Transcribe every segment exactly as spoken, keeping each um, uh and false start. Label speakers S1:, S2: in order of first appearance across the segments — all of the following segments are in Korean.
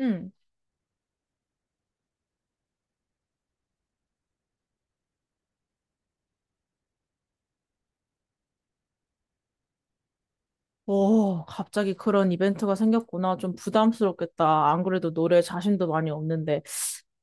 S1: 응. 오, 갑자기 그런 이벤트가 생겼구나. 좀 부담스럽겠다. 안 그래도 노래 자신도 많이 없는데.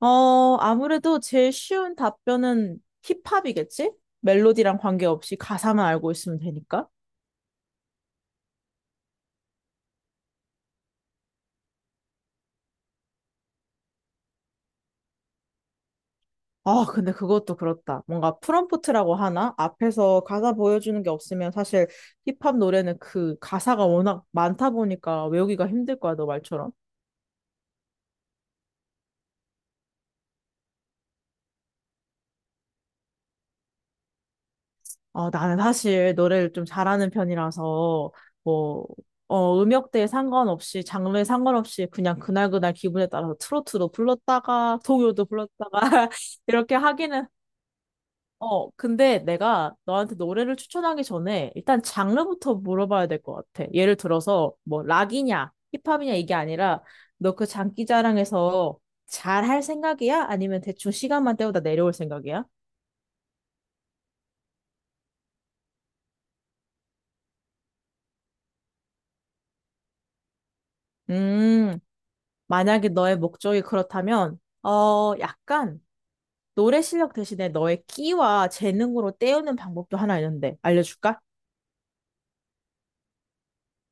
S1: 어, 아무래도 제일 쉬운 답변은 힙합이겠지? 멜로디랑 관계없이 가사만 알고 있으면 되니까. 아, 근데 그것도 그렇다. 뭔가 프롬프트라고 하나? 앞에서 가사 보여주는 게 없으면 사실 힙합 노래는 그 가사가 워낙 많다 보니까 외우기가 힘들 거야, 너 말처럼. 어, 나는 사실 노래를 좀 잘하는 편이라서, 뭐, 어, 음역대에 상관없이, 장르에 상관없이 그냥 그날그날 기분에 따라서 트로트도 불렀다가, 동요도 불렀다가, 이렇게 하기는, 어, 근데 내가 너한테 노래를 추천하기 전에 일단 장르부터 물어봐야 될 것 같아. 예를 들어서, 뭐, 락이냐, 힙합이냐 이게 아니라, 너 그 장기자랑에서 잘할 생각이야? 아니면 대충 시간만 때우다 내려올 생각이야? 음. 만약에 너의 목적이 그렇다면, 어, 약간 노래 실력 대신에 너의 끼와 재능으로 때우는 방법도 하나 있는데, 알려줄까?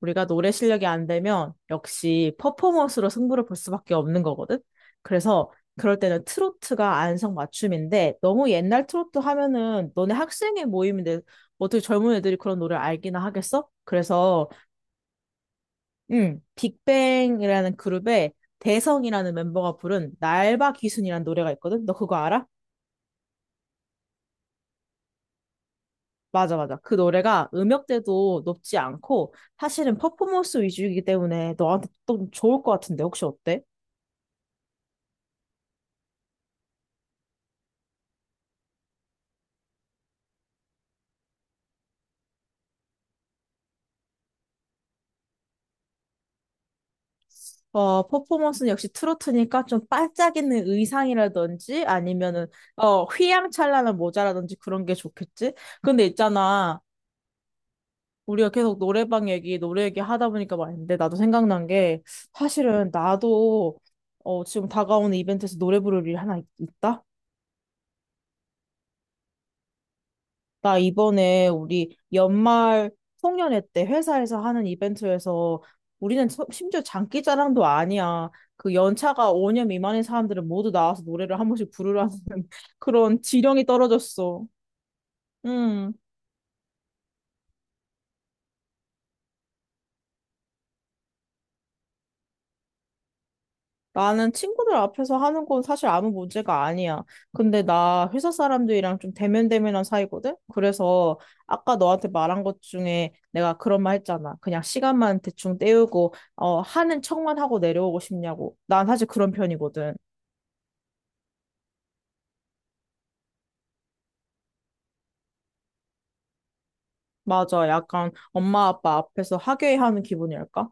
S1: 우리가 노래 실력이 안 되면 역시 퍼포먼스로 승부를 볼 수밖에 없는 거거든? 그래서 그럴 때는 트로트가 안성맞춤인데, 너무 옛날 트로트 하면은 너네 학생회 모임인데 어떻게 젊은 애들이 그런 노래를 알기나 하겠어? 그래서, 음, 빅뱅이라는 그룹에 대성이라는 멤버가 부른 날바 기순이라는 노래가 있거든? 너 그거 알아? 맞아, 맞아. 그 노래가 음역대도 높지 않고 사실은 퍼포먼스 위주이기 때문에 너한테 또 좋을 것 같은데 혹시 어때? 어, 퍼포먼스는 역시 트로트니까 좀 반짝이는 의상이라든지 아니면은 어, 휘황찬란한 모자라든지 그런 게 좋겠지? 근데 있잖아. 우리가 계속 노래방 얘기, 노래 얘기 하다 보니까 말인데 나도 생각난 게 사실은 나도 어, 지금 다가오는 이벤트에서 노래 부를 일이 하나 있- 있다? 나 이번에 우리 연말 송년회 때 회사에서 하는 이벤트에서 우리는 처- 심지어 장기자랑도 아니야. 그 연차가 오 년 미만인 사람들은 모두 나와서 노래를 한 번씩 부르라는 그런 지령이 떨어졌어. 응. 나는 친구들 앞에서 하는 건 사실 아무 문제가 아니야. 근데 나 회사 사람들이랑 좀 대면대면한 사이거든? 그래서 아까 너한테 말한 것 중에 내가 그런 말 했잖아. 그냥 시간만 대충 때우고, 어, 하는 척만 하고 내려오고 싶냐고. 난 사실 그런 편이거든. 맞아. 약간 엄마 아빠 앞에서 하괴해하는 기분이랄까?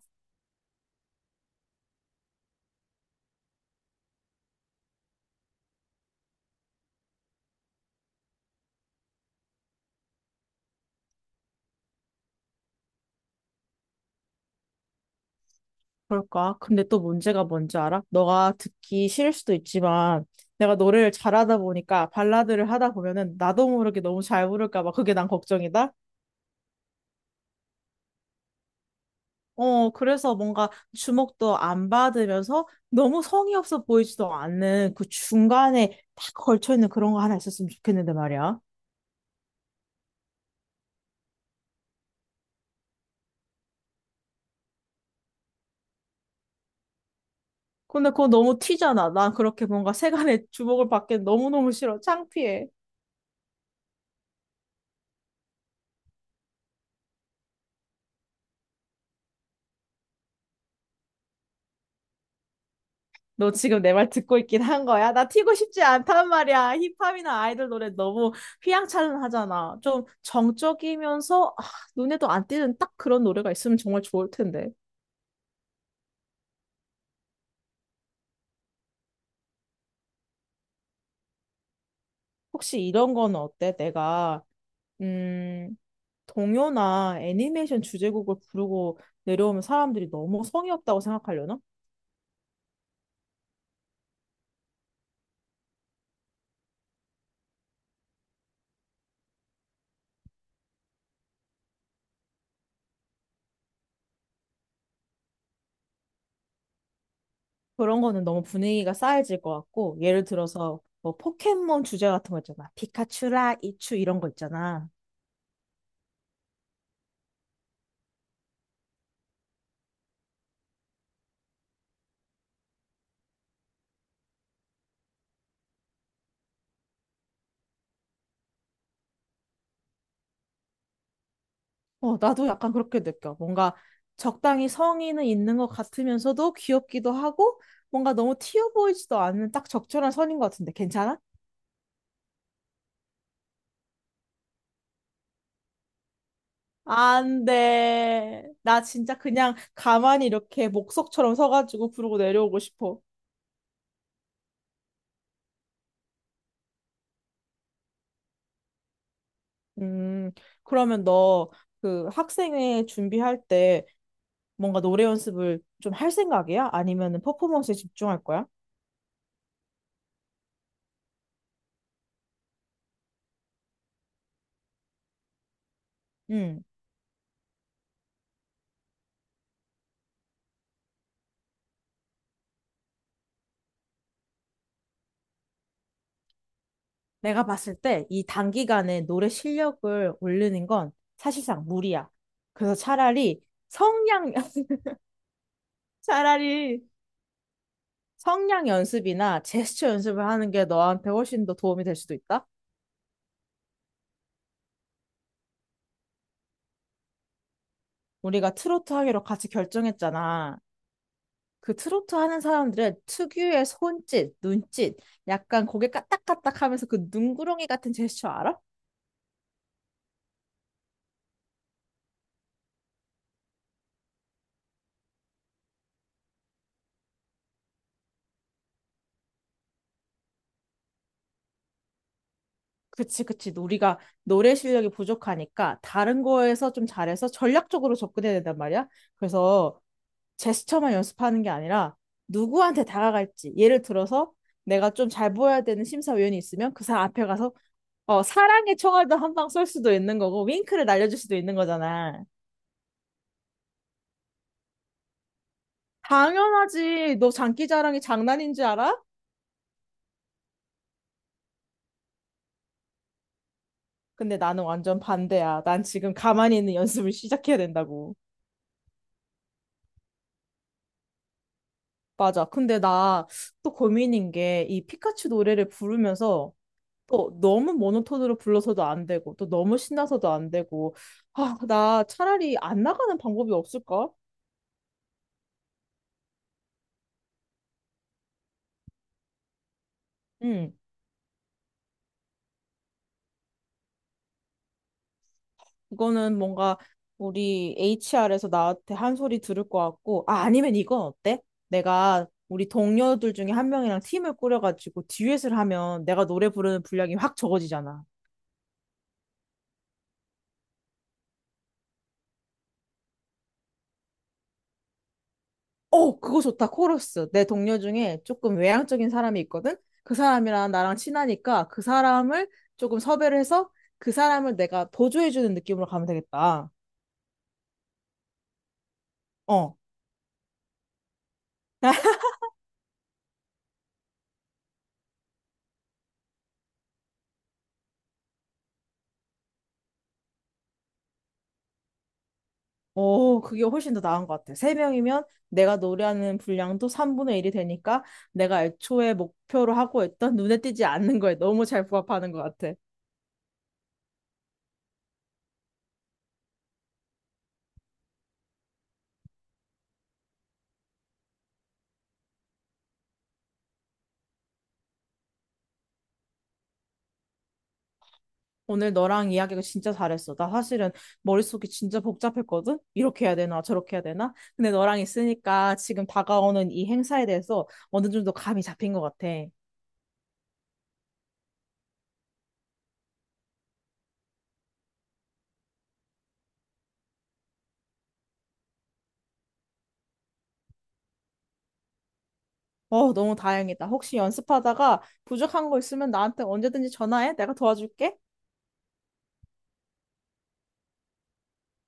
S1: 그럴까? 근데 또 문제가 뭔지 알아? 너가 듣기 싫을 수도 있지만, 내가 노래를 잘하다 보니까 발라드를 하다 보면은 나도 모르게 너무 잘 부를까 봐 그게 난 걱정이다. 어, 그래서 뭔가 주목도 안 받으면서 너무 성의 없어 보이지도 않는 그 중간에 딱 걸쳐있는 그런 거 하나 있었으면 좋겠는데 말이야. 근데 그거 너무 튀잖아. 난 그렇게 뭔가 세간의 주목을 받기 너무너무 싫어. 창피해. 너 지금 내 말 듣고 있긴 한 거야? 나 튀고 싶지 않단 말이야. 힙합이나 아이돌 노래 너무 휘황찬란하잖아. 좀 정적이면서 아, 눈에도 안 띄는 딱 그런 노래가 있으면 정말 좋을 텐데. 혹시 이런 거는 어때? 내가 음, 동요나 애니메이션 주제곡을 부르고 내려오면 사람들이 너무 성의 없다고 생각하려나? 그런 거는 너무 분위기가 싸해질 것 같고, 예를 들어서 뭐 포켓몬 주제 같은 거 있잖아. 피카츄라 이츄 이런 거 있잖아. 어, 나도 약간 그렇게 느껴. 뭔가 적당히 성의는 있는 것 같으면서도 귀엽기도 하고, 뭔가 너무 튀어 보이지도 않는 딱 적절한 선인 것 같은데, 괜찮아? 안 돼. 나 진짜 그냥 가만히 이렇게 목석처럼 서가지고 부르고 내려오고 싶어. 음, 그러면 너 그 학생회 준비할 때 뭔가 노래 연습을 좀 할 생각이야? 아니면은 퍼포먼스에 집중할 거야? 음, 내가 봤을 때 이 단기간에 노래 실력을 올리는 건 사실상 무리야. 그래서 차라리 성량, 차라리 성량 연습이나 제스처 연습을 하는 게 너한테 훨씬 더 도움이 될 수도 있다? 우리가 트로트 하기로 같이 결정했잖아. 그 트로트 하는 사람들은 특유의 손짓, 눈짓, 약간 고개 까딱까딱 하면서 그 눈구렁이 같은 제스처 알아? 그치, 그치. 우리가 노래 실력이 부족하니까 다른 거에서 좀 잘해서 전략적으로 접근해야 된단 말이야. 그래서 제스처만 연습하는 게 아니라 누구한테 다가갈지. 예를 들어서 내가 좀 잘 보여야 되는 심사위원이 있으면 그 사람 앞에 가서 어, 사랑의 총알도 한 방 쏠 수도 있는 거고 윙크를 날려줄 수도 있는 거잖아. 당연하지. 너 장기자랑이 장난인 줄 알아? 근데 나는 완전 반대야. 난 지금 가만히 있는 연습을 시작해야 된다고. 맞아. 근데 나 또 고민인 게 이 피카츄 노래를 부르면서 또 너무 모노톤으로 불러서도 안 되고 또 너무 신나서도 안 되고 아, 나 차라리 안 나가는 방법이 없을까? 응. 이거는 뭔가 우리 에이치알에서 나한테 한 소리 들을 것 같고 아, 아니면 이건 어때? 내가 우리 동료들 중에 한 명이랑 팀을 꾸려가지고 듀엣을 하면 내가 노래 부르는 분량이 확 적어지잖아. 어, 그거 좋다. 코러스. 내 동료 중에 조금 외향적인 사람이 있거든? 그 사람이랑 나랑 친하니까 그 사람을 조금 섭외를 해서 그 사람을 내가 보조해주는 느낌으로 가면 되겠다. 어. 오, 그게 훨씬 더 나은 것 같아. 세명이면 내가 노래하는 분량도 삼분의 일이 되니까 내가 애초에 목표로 하고 있던 눈에 띄지 않는 거에 너무 잘 부합하는 것 같아. 오늘 너랑 이야기가 진짜 잘했어. 나 사실은 머릿속이 진짜 복잡했거든? 이렇게 해야 되나, 저렇게 해야 되나? 근데 너랑 있으니까 지금 다가오는 이 행사에 대해서 어느 정도 감이 잡힌 것 같아. 어, 너무 다행이다. 혹시 연습하다가 부족한 거 있으면 나한테 언제든지 전화해. 내가 도와줄게.